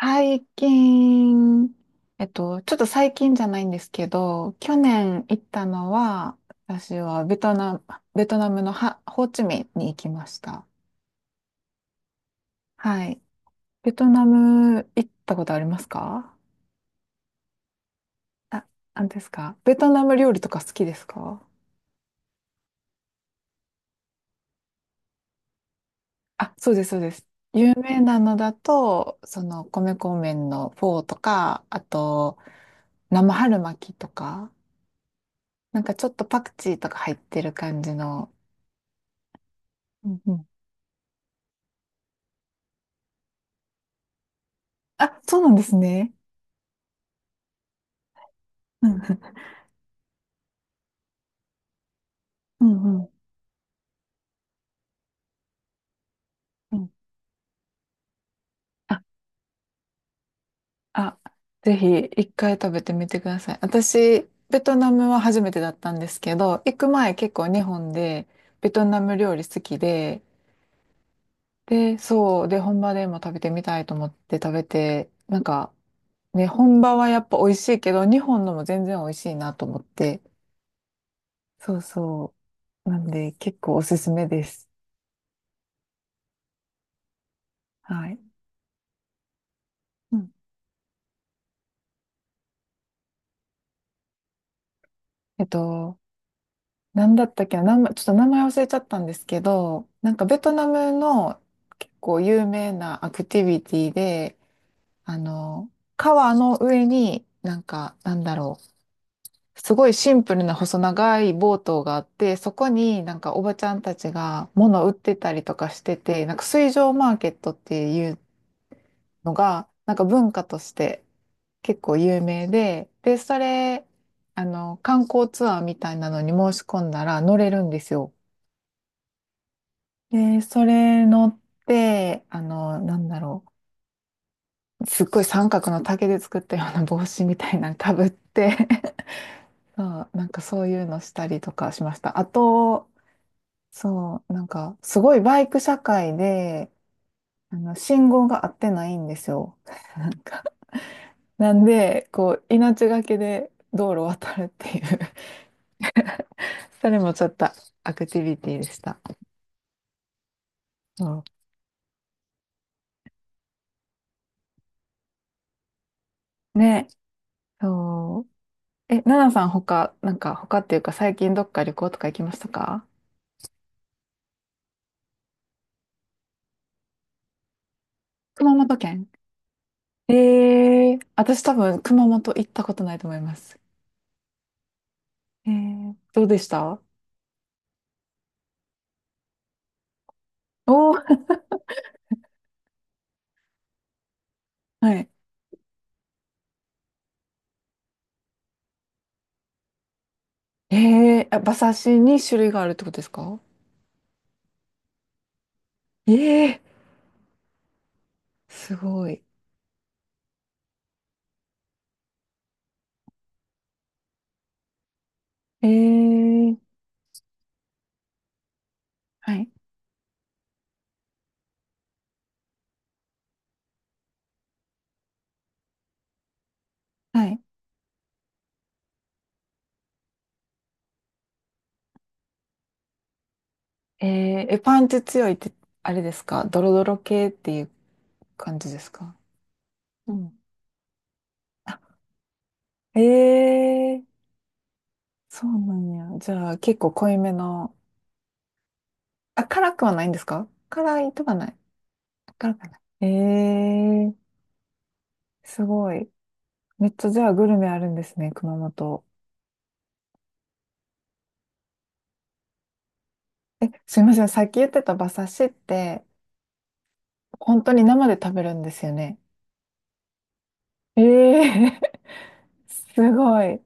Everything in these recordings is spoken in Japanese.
最近、ちょっと最近じゃないんですけど、去年行ったのは、私はベトナムのホーチミンに行きました。はい。ベトナム行ったことありますか？あ、なんですか、ベトナム料理とか好きですか？あ、そうです、そうです。有名なのだと、米粉麺のフォーとか、あと、生春巻きとか、なんかちょっとパクチーとか入ってる感じの。うんうん。あ、そうなんですね。うんうん、うんうんうんうん。あ、あ、ぜひ一回食べてみてください。私、ベトナムは初めてだったんですけど、行く前結構日本でベトナム料理好きで、で、そう、で、本場でも食べてみたいと思って食べて、なんか、ね、本場はやっぱ美味しいけど、日本のも全然美味しいなと思って、そうそう。なんで、結構おすすめです。はい。うん。えっと、なんだったっけな、ちょっと名前忘れちゃったんですけど、なんかベトナムの結構有名なアクティビティで、あの、川の上になんか、なんだろう、すごいシンプルな細長いボートがあって、そこになんかおばちゃんたちが物を売ってたりとかしてて、なんか水上マーケットっていうのが、なんか文化として結構有名で、で、それ、観光ツアーみたいなのに申し込んだら乗れるんですよ。で、それ乗って、なんだろう。すっごい三角の竹で作ったような帽子みたいなのかぶって そう、なんかそういうのしたりとかしました。あと、そう、なんかすごいバイク社会で、信号が合ってないんですよ。なんか、なんで、こう、命がけで道路を渡るっていう それもちょっとアクティビティでした。そう。ね、そう。え、ナナさんなんか他っていうか最近どっか旅行とか行きましたか？熊本県。私多分熊本行ったことないと思います。どうでした？おー、はい。あ、馬刺しに種類があるってことですか？えー、すごい。えー、はい、はい。え、パンチ強いって、あれですか、ドロドロ系っていう感じですか？うん。あ、えー、そうなんや。じゃあ結構濃いめの。あ、辛くはないんですか？辛いとかない？辛くはない。えー、すごい。めっちゃじゃあグルメあるんですね、熊本。え、すいません。さっき言ってた馬刺しって、本当に生で食べるんですよね。ええー。すごい。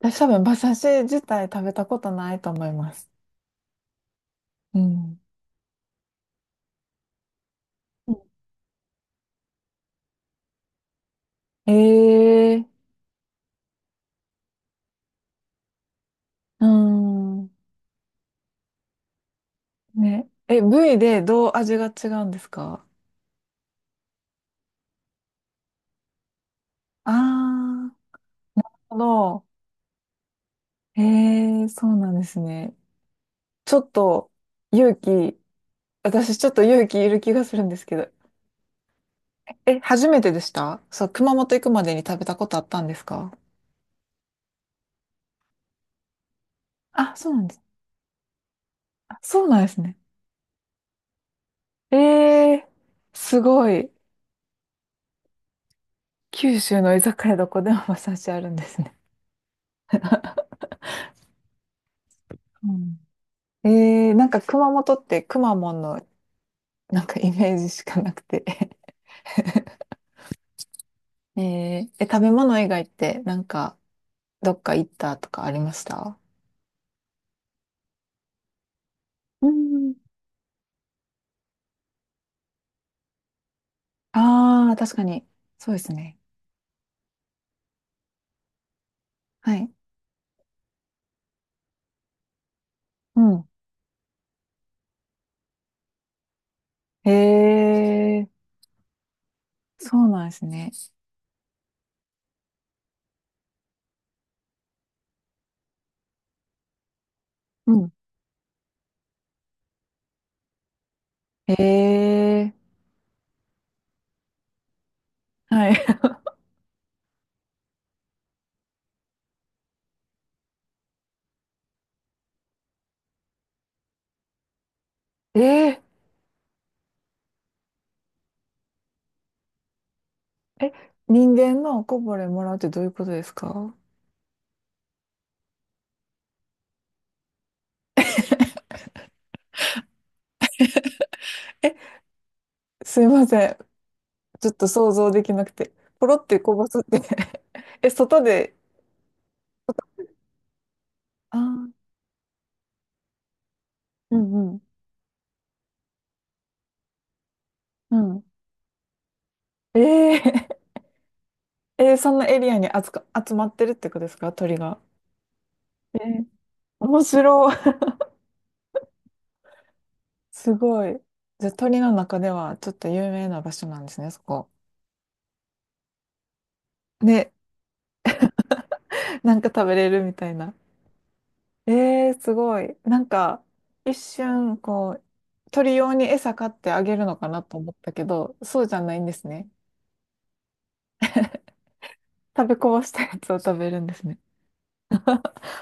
私多分馬刺し自体食べたことないと思います。うん。ええー、うん。ね。え、部位でどう味が違うんですか？ああー、なるほど。ええー、そうなんですね。ちょっと勇気、私ちょっと勇気いる気がするんですけど。え、初めてでした？そう、熊本行くまでに食べたことあったんですか？あ、そうなんです。あ、そうなんですね。ええー、すごい。九州の居酒屋どこでも馬刺しあるんですね。うん。なんか熊本ってくまモンのなんかイメージしかなくて え、食べ物以外ってなんかどっか行ったとかありました？うん。ああー、確かに。そうですね。はい。うん。へえ、そうなんですね。うん。へえ、はい。ええ、え、人間のおこぼれもらうってどういうことですか？え、すいません。ちょっと想像できなくて。ポロってこぼすって。 え、外で、あー、うんうん、うん。ええ、そんなエリアに集まってるってことですか、鳥が。えー、面白い。すごい。じゃあ鳥の中ではちょっと有名な場所なんですね、そこ。ね、なんか食べれるみたいな。すごい。なんか、一瞬、こう、鳥用に餌買ってあげるのかなと思ったけど、そうじゃないんですね。食べこぼしたやつを食べるんですね。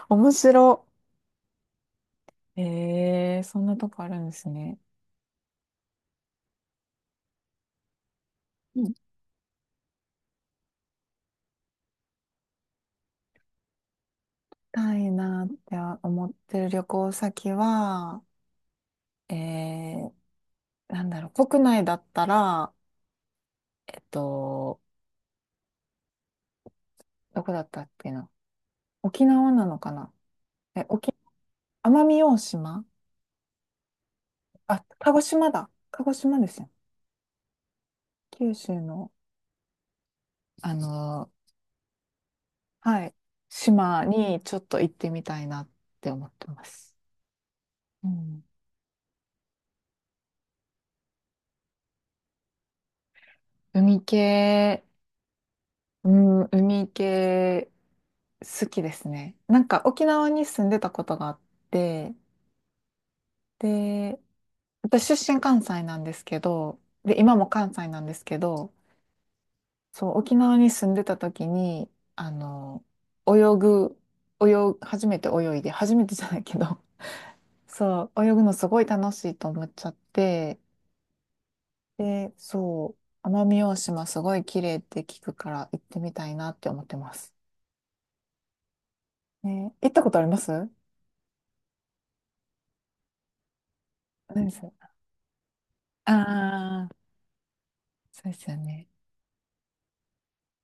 面白。そんなとこあるんですね。うん。行きたいなって思ってる旅行先は、えー、なんだろう、国内だったら、えっと、どこだったっけな。沖縄なのかな。え、奄美大島。あ、鹿児島だ。鹿児島ですよね？九州の、あの、はい、島にちょっと行ってみたいなって思ってます。うん、海系、うん、海系好きですね。なんか沖縄に住んでたことがあって、で、私出身関西なんですけど、で、今も関西なんですけど、そう、沖縄に住んでた時に、あの、泳ぐ、泳ぐ、初めて泳いで、初めてじゃないけど、そう、泳ぐのすごい楽しいと思っちゃって、で、そう、奄美大島すごい綺麗って聞くから行ってみたいなって思ってます。ね、行ったことあります？ないです。ああ、そうですよね。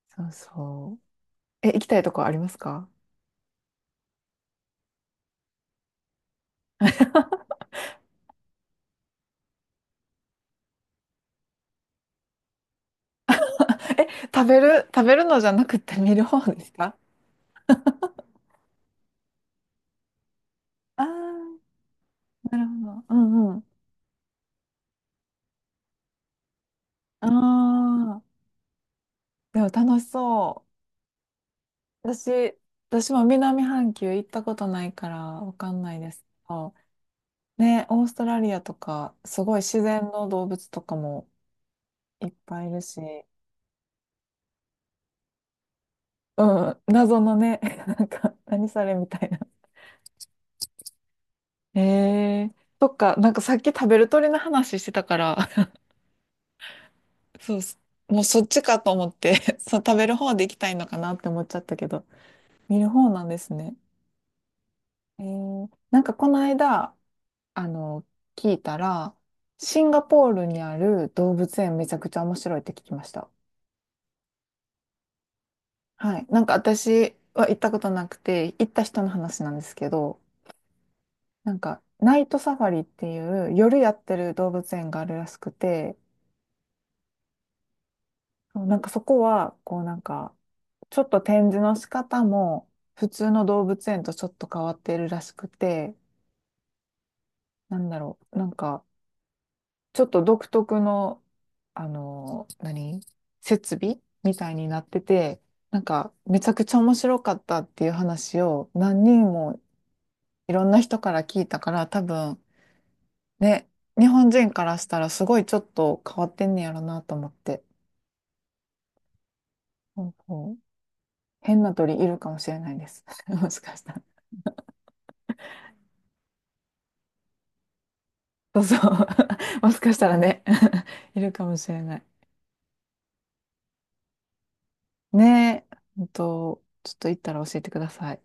そうそう。え、行きたいとこありますか？ え、食べるのじゃなくて見る方ですか？あ。 あー、なるほど。うんうん。ああ、でも楽しそう。私も南半球行ったことないからわかんないですけど。ね、オーストラリアとか、すごい自然の動物とかもいっぱいいるし、うん、謎のね、なんか、何それみたいな。えー、そっか、なんかさっき食べる鳥の話してたから、そうそう、もうそっちかと思って、そう、食べる方で行きたいのかなって思っちゃったけど、見る方なんですね。なんかこの間、あの、聞いたら、シンガポールにある動物園めちゃくちゃ面白いって聞きました。はい。なんか私は行ったことなくて、行った人の話なんですけど、なんか、ナイトサファリっていう夜やってる動物園があるらしくて、そう、なんかそこは、こうなんか、ちょっと展示の仕方も普通の動物園とちょっと変わってるらしくて、なんだろう、なんか、ちょっと独特の、何設備みたいになってて、なんか、めちゃくちゃ面白かったっていう話を何人もいろんな人から聞いたから、多分、ね、日本人からしたらすごいちょっと変わってんねやろなと思って。そうそう、変な鳥いるかもしれないです。もしかしたら。そうそう。もしかしたらね。 いるかもしれない。ねえ、ほんと、ちょっと行ったら教えてください。